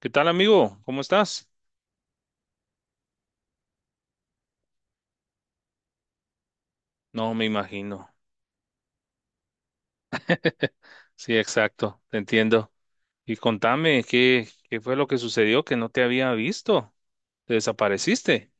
¿Qué tal, amigo? ¿Cómo estás? No, me imagino. Sí, exacto, te entiendo. Y contame, ¿qué fue lo que sucedió que no te había visto? ¿Te desapareciste?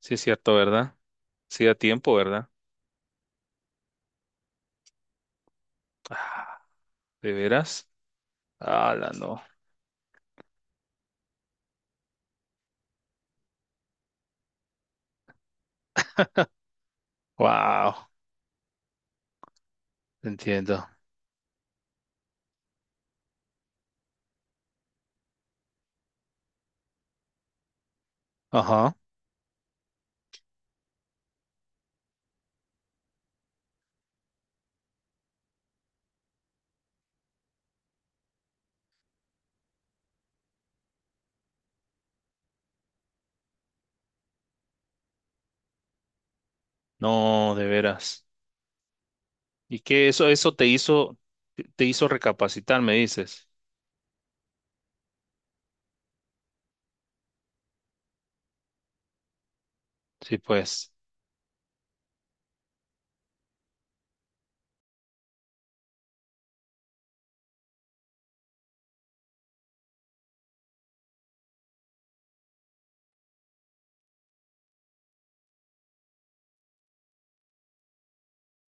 Sí, es cierto, ¿verdad? Sí, a tiempo, ¿verdad? Ah, ¿de veras? Ah, no. Wow, te entiendo. Ajá. No, de veras. ¿Y eso te hizo recapacitar, me dices? Sí, pues.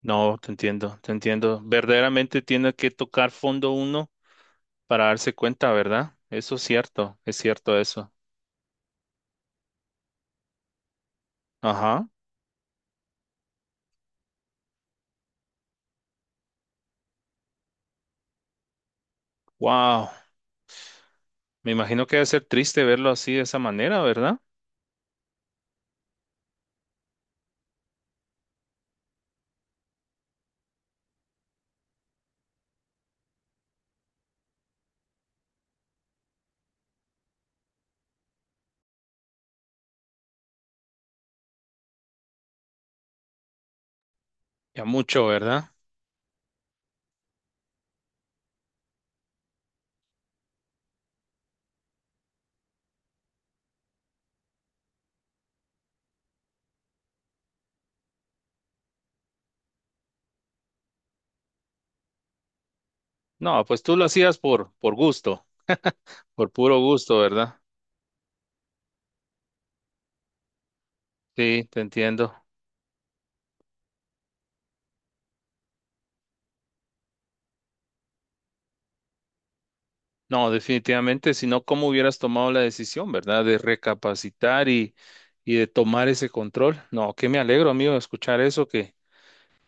No, te entiendo, te entiendo. Verdaderamente tiene que tocar fondo uno para darse cuenta, ¿verdad? Eso es cierto eso. Ajá. Wow. Me imagino que debe ser triste verlo así de esa manera, ¿verdad? Ya mucho, ¿verdad? No, pues tú lo hacías por gusto, por puro gusto, ¿verdad? Sí, te entiendo. No, definitivamente, si no, ¿cómo hubieras tomado la decisión, ¿verdad? De recapacitar y de tomar ese control. No, que me alegro, amigo, de escuchar eso.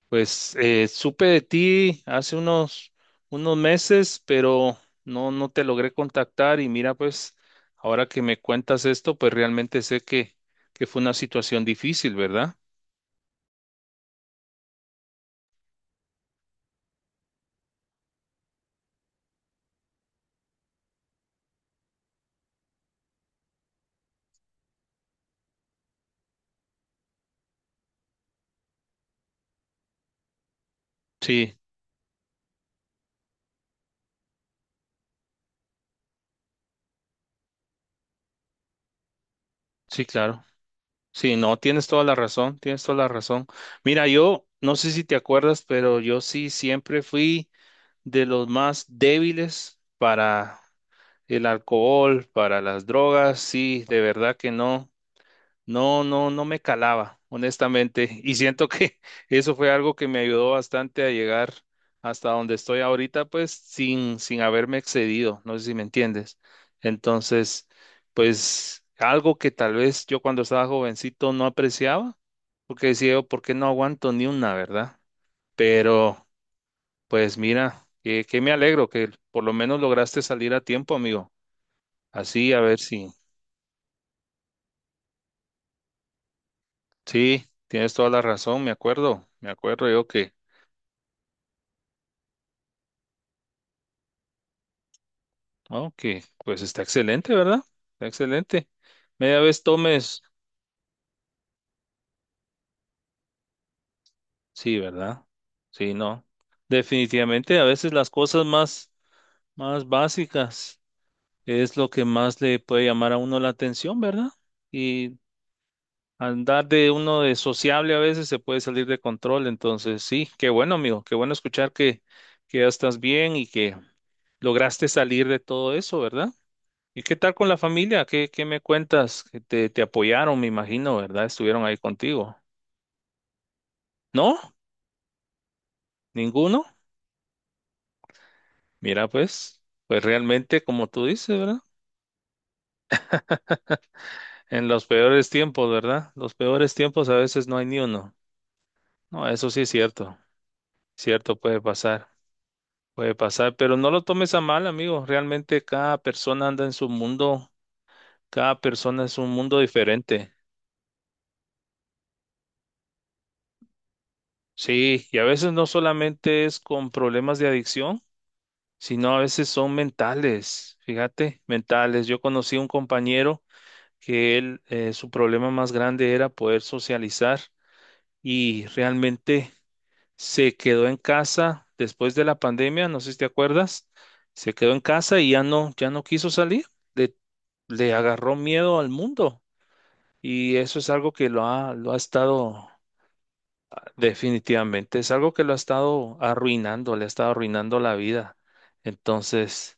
Pues supe de ti hace unos, unos meses, pero no, no te logré contactar y mira, pues ahora que me cuentas esto, pues realmente sé que fue una situación difícil, ¿verdad? Sí, sí, claro. Sí, no, tienes toda la razón, tienes toda la razón. Mira, yo no sé si te acuerdas, pero yo sí siempre fui de los más débiles para el alcohol, para las drogas, sí, de verdad que no. No, no, no me calaba, honestamente. Y siento que eso fue algo que me ayudó bastante a llegar hasta donde estoy ahorita, pues sin, sin haberme excedido. No sé si me entiendes. Entonces, pues algo que tal vez yo cuando estaba jovencito no apreciaba, porque decía yo, ¿por qué no aguanto ni una, verdad? Pero, pues mira, que me alegro que por lo menos lograste salir a tiempo, amigo. Así, a ver si. Sí, tienes toda la razón, me acuerdo. Me acuerdo yo que ok, pues está excelente, ¿verdad? Está excelente. Media vez tomes, sí, ¿verdad? Sí, no. Definitivamente, a veces las cosas más, más básicas es lo que más le puede llamar a uno la atención, ¿verdad? Y andar de uno de sociable a veces se puede salir de control. Entonces, sí, qué bueno, amigo, qué bueno escuchar que ya estás bien y que lograste salir de todo eso, ¿verdad? ¿Y qué tal con la familia? ¿Qué, qué me cuentas? Que te apoyaron, me imagino, ¿verdad? Estuvieron ahí contigo. ¿No? ¿Ninguno? Mira, pues, pues realmente, como tú dices, ¿verdad? En los peores tiempos, ¿verdad? Los peores tiempos a veces no hay ni uno. No, eso sí es cierto. Cierto, puede pasar. Puede pasar, pero no lo tomes a mal, amigo. Realmente cada persona anda en su mundo. Cada persona es un mundo diferente. Sí, y a veces no solamente es con problemas de adicción, sino a veces son mentales, fíjate, mentales. Yo conocí a un compañero que él, su problema más grande era poder socializar y realmente se quedó en casa después de la pandemia, no sé si te acuerdas, se quedó en casa y ya no, ya no quiso salir, le, le agarró miedo al mundo y eso es algo que lo ha estado. Definitivamente, es algo que lo ha estado arruinando, le ha estado arruinando la vida. Entonces,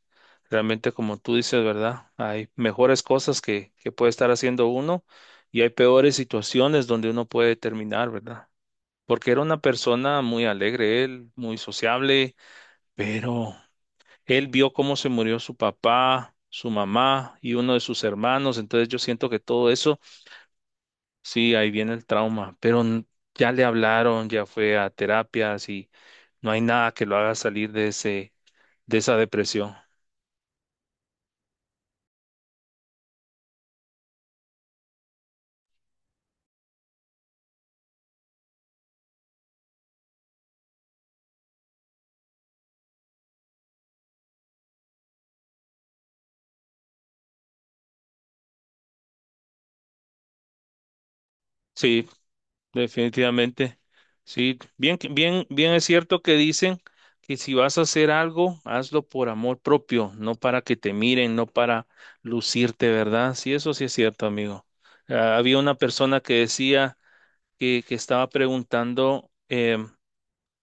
realmente como tú dices, ¿verdad? Hay mejores cosas que puede estar haciendo uno y hay peores situaciones donde uno puede terminar, ¿verdad? Porque era una persona muy alegre, él, muy sociable, pero él vio cómo se murió su papá, su mamá y uno de sus hermanos. Entonces yo siento que todo eso. Sí, ahí viene el trauma, pero n- ya le hablaron, ya fue a terapias y no hay nada que lo haga salir de ese, de esa depresión. Sí, definitivamente. Sí, bien, que- bien, bien es cierto que dicen que si vas a hacer algo, hazlo por amor propio, no para que te miren, no para lucirte, ¿verdad? Sí, eso sí es cierto, amigo. Ah, había una persona que decía que estaba preguntando,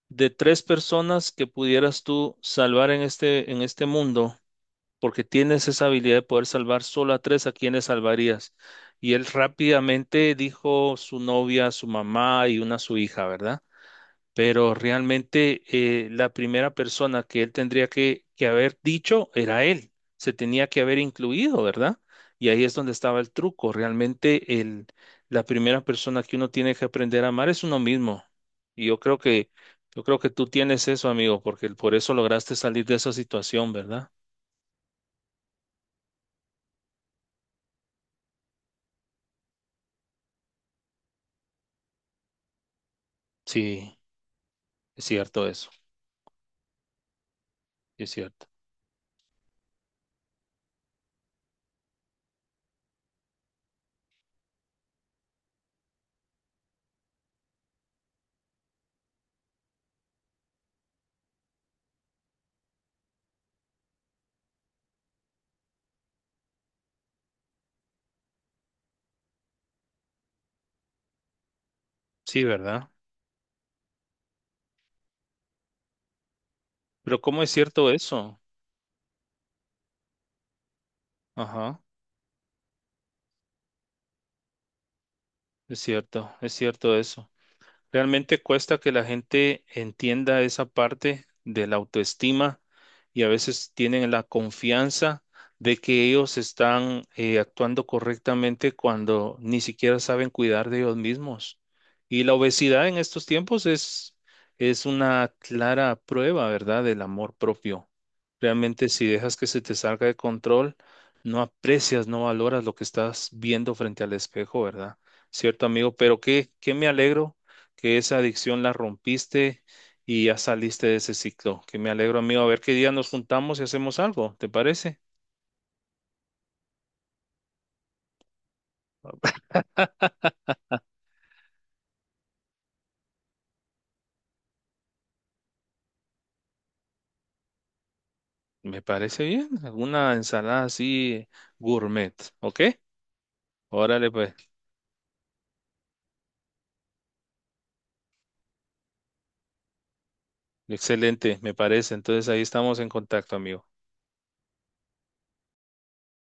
de tres personas que pudieras tú salvar en este mundo, porque tienes esa habilidad de poder salvar solo a tres, ¿a quienes salvarías? Y él rápidamente dijo su novia, su mamá y una su hija, ¿verdad? Pero realmente la primera persona que él tendría que haber dicho era él, se tenía que haber incluido, ¿verdad? Y ahí es donde estaba el truco, realmente el, la primera persona que uno tiene que aprender a amar es uno mismo. Y yo creo que tú tienes eso, amigo, porque por eso lograste salir de esa situación, ¿verdad? Sí, es cierto eso, es cierto. Sí, ¿verdad? Pero ¿cómo es cierto eso? Ajá, es cierto eso. Realmente cuesta que la gente entienda esa parte de la autoestima y a veces tienen la confianza de que ellos están actuando correctamente cuando ni siquiera saben cuidar de ellos mismos. Y la obesidad en estos tiempos es una clara prueba, ¿verdad?, del amor propio. Realmente si dejas que se te salga de control, no aprecias, no valoras lo que estás viendo frente al espejo, ¿verdad? Cierto, amigo, pero qué, qué me alegro que esa adicción la rompiste y ya saliste de ese ciclo. Que me alegro, amigo. A ver qué día nos juntamos y hacemos algo, ¿te parece? Me parece bien. Alguna ensalada así gourmet, ¿ok? Órale, pues. Excelente, me parece. Entonces ahí estamos en contacto, amigo.